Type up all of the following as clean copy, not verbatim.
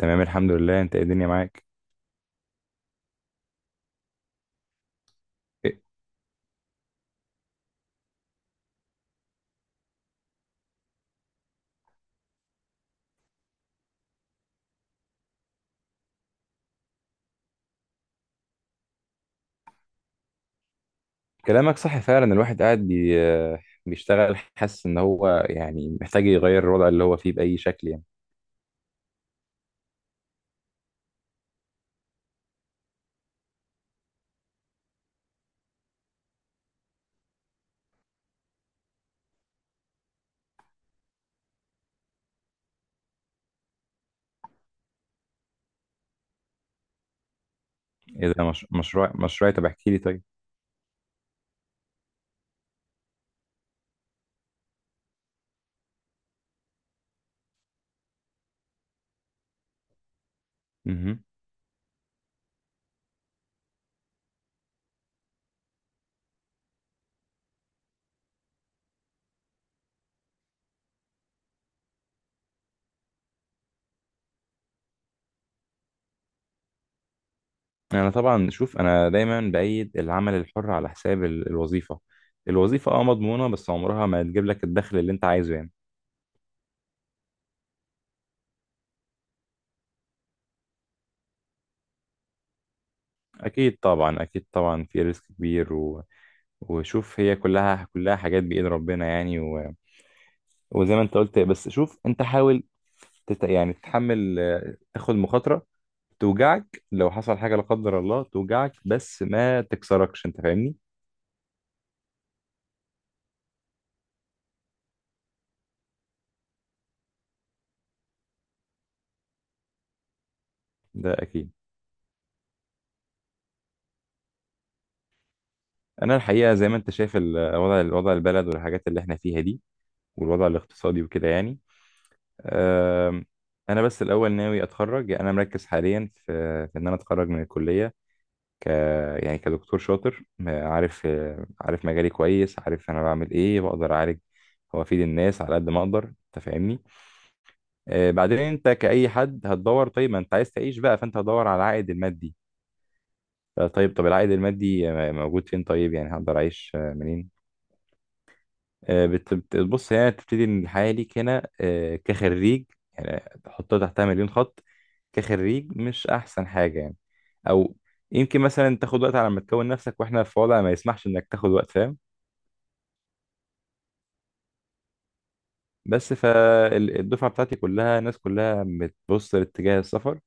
تمام، الحمد لله. انت ايه الدنيا معاك؟ إيه، كلامك صح فعلا. الواحد قاعد بيشتغل، حاسس ان هو يعني محتاج يغير الوضع اللي هو فيه باي شكل يعني. اذا مش... مشروع مشروع، طب احكي لي طيب. مهم. انا طبعا شوف، انا دايما بايد العمل الحر على حساب الوظيفه. الوظيفه اه مضمونه، بس عمرها ما هتجيب لك الدخل اللي انت عايزه يعني. اكيد طبعا، اكيد طبعا في ريسك كبير و... وشوف، هي كلها حاجات بايد ربنا يعني. وزي ما انت قلت، بس شوف انت حاول يعني تتحمل، تاخد مخاطرة توجعك لو حصل حاجة لا قدر الله، توجعك بس ما تكسركش، انت فاهمني؟ ده اكيد. انا الحقيقة زي ما انت شايف الوضع، البلد والحاجات اللي احنا فيها دي، والوضع الاقتصادي وكده يعني. آم، انا بس الاول ناوي اتخرج. يعني انا مركز حاليا في في ان انا اتخرج من الكلية ك، يعني كدكتور شاطر، عارف، عارف مجالي كويس، عارف انا بعمل ايه، بقدر اعالج وافيد الناس على قد ما اقدر، انت فاهمني؟ بعدين انت كأي حد هتدور. طيب، ما انت عايز تعيش بقى، فانت هتدور على العائد المادي. طيب، طب العائد المادي موجود فين؟ طيب، يعني هقدر اعيش منين؟ آه، بص، هي تبتدي ان الحياه ليك هنا، كخريج، يعني تحطها تحتها مليون خط، كخريج مش احسن حاجه يعني. او يمكن مثلا تاخد وقت على ما تكون نفسك، واحنا في وضع ما يسمحش انك تاخد وقت، فاهم؟ بس فالدفعه بتاعتي كلها، الناس كلها بتبص لاتجاه السفر،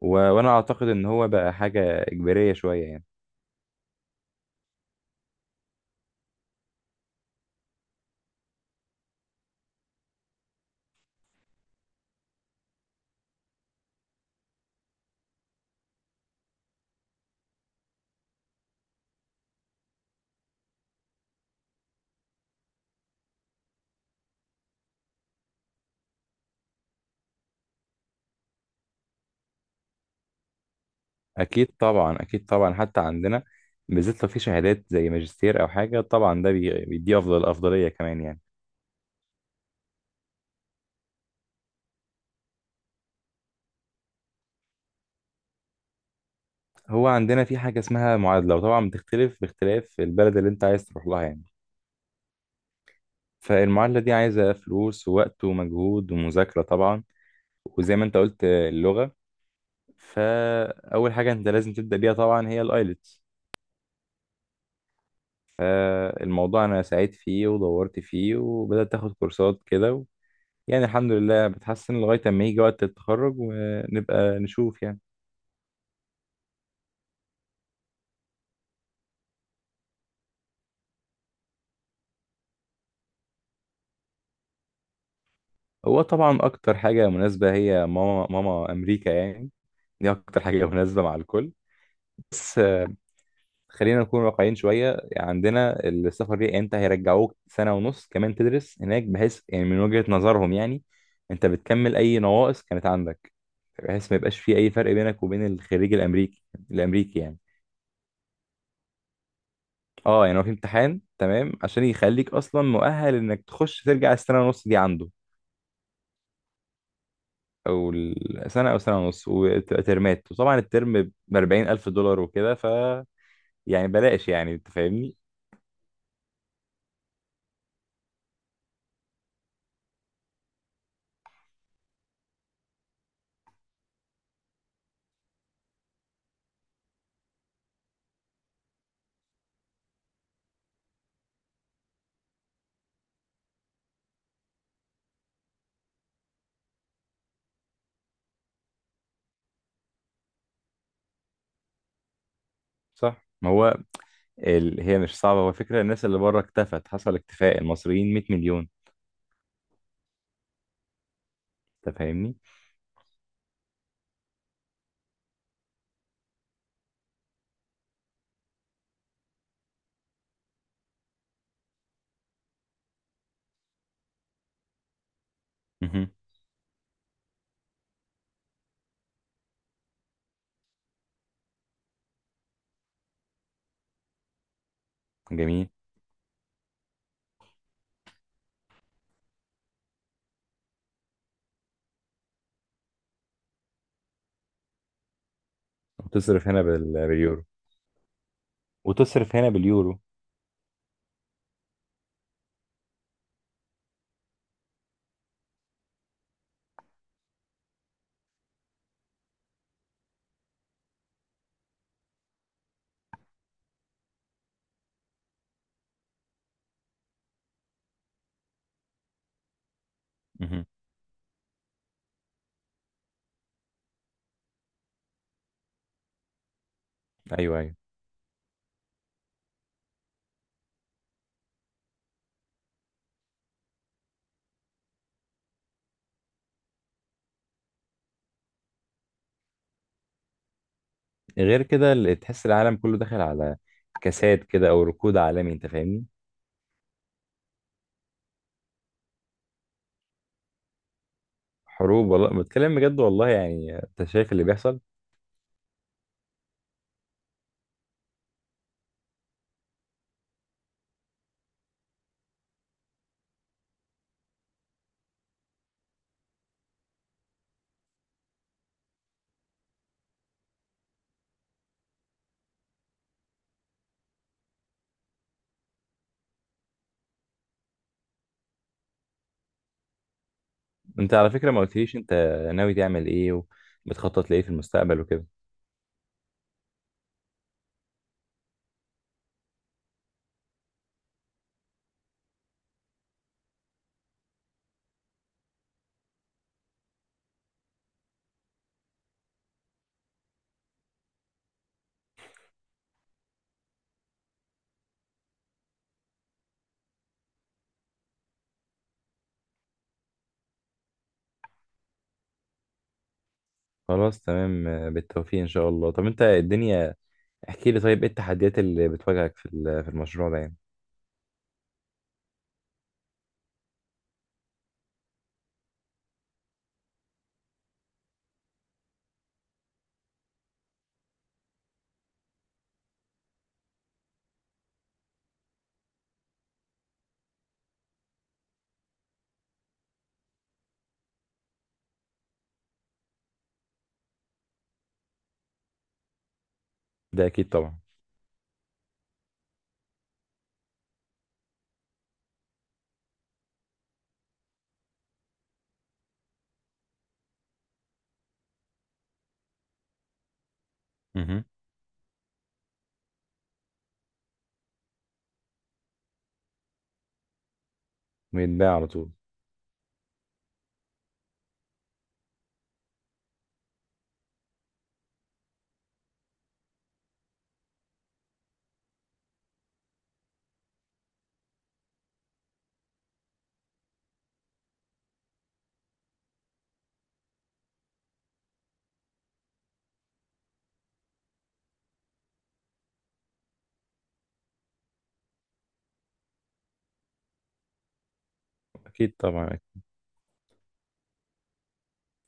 و... وانا اعتقد ان هو بقى حاجه اجباريه شويه يعني. اكيد طبعا، اكيد طبعا حتى عندنا، بالذات لو في شهادات زي ماجستير او حاجه، طبعا ده بيديه افضليه كمان يعني. هو عندنا في حاجة اسمها معادلة، وطبعا بتختلف باختلاف البلد اللي انت عايز تروح لها يعني. فالمعادلة دي عايزة فلوس ووقت ومجهود ومذاكرة طبعا، وزي ما انت قلت اللغة. فأول حاجة انت لازم تبدأ بيها طبعا هي الآيلتس. فالموضوع أنا سعيت فيه ودورت فيه وبدأت أخد كورسات كده و... يعني الحمد لله بتحسن لغاية أما يجي وقت التخرج ونبقى نشوف يعني. هو طبعا أكتر حاجة مناسبة هي ماما أمريكا يعني. دي أكتر حاجة مناسبة مع الكل. بس خلينا نكون واقعيين شوية. يعني عندنا السفر دي، انت هيرجعوك سنة ونص كمان تدرس هناك، بحيث يعني من وجهة نظرهم يعني انت بتكمل اي نواقص كانت عندك، بحيث ما يبقاش في اي فرق بينك وبين الخريج الامريكي يعني. اه يعني هو في امتحان تمام عشان يخليك اصلا مؤهل انك تخش ترجع السنة ونص دي عنده، او السنة او سنة ونص، وتبقى ترمات، وطبعا الترم ب 40,000 دولار وكده، ف يعني بلاش يعني، انت فاهمني؟ صح، ما هو هي مش صعبة. هو فكرة الناس اللي بره اكتفت، حصل اكتفاء. المصريين 100 مليون، انت فاهمني؟ مهم. جميل. وتصرف هنا باليورو. وتصرف هنا باليورو. مهم. ايوه، ايوه. غير كده، اللي تحس العالم كله داخل على كساد كده او ركود عالمي، انت فاهمني؟ حروب، والله بتكلم بجد، والله يعني انت شايف اللي بيحصل؟ انت على فكرة ما قلتليش انت ناوي تعمل ايه، وبتخطط لايه في المستقبل وكده. خلاص تمام، بالتوفيق ان شاء الله. طب انت الدنيا، احكي لي طيب، ايه التحديات اللي بتواجهك في في المشروع ده يعني؟ ده اكيد طبعا. مهم. بيتباع على طول. اكيد طبعا.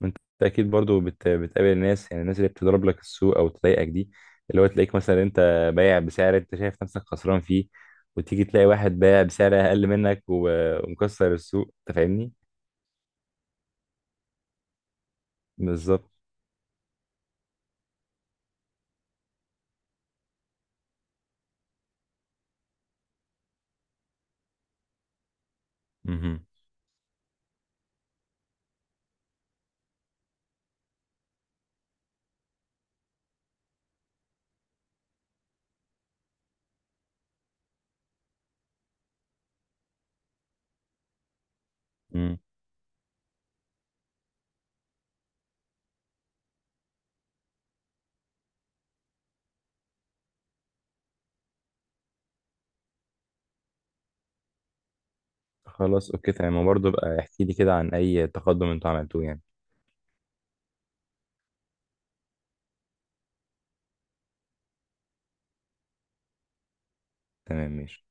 انت اكيد برضو بتقابل الناس، يعني الناس اللي بتضرب لك السوق او تضايقك دي، اللي هو تلاقيك مثلا انت بايع بسعر انت شايف نفسك خسران فيه، وتيجي تلاقي واحد بايع بسعر اقل منك و... ومكسر السوق، انت فاهمني؟ بالظبط. مهم. مم. خلاص، اوكي تمام. وبرضه بقى احكي لي كده عن اي تقدم انتوا عملتوه يعني. تمام ماشي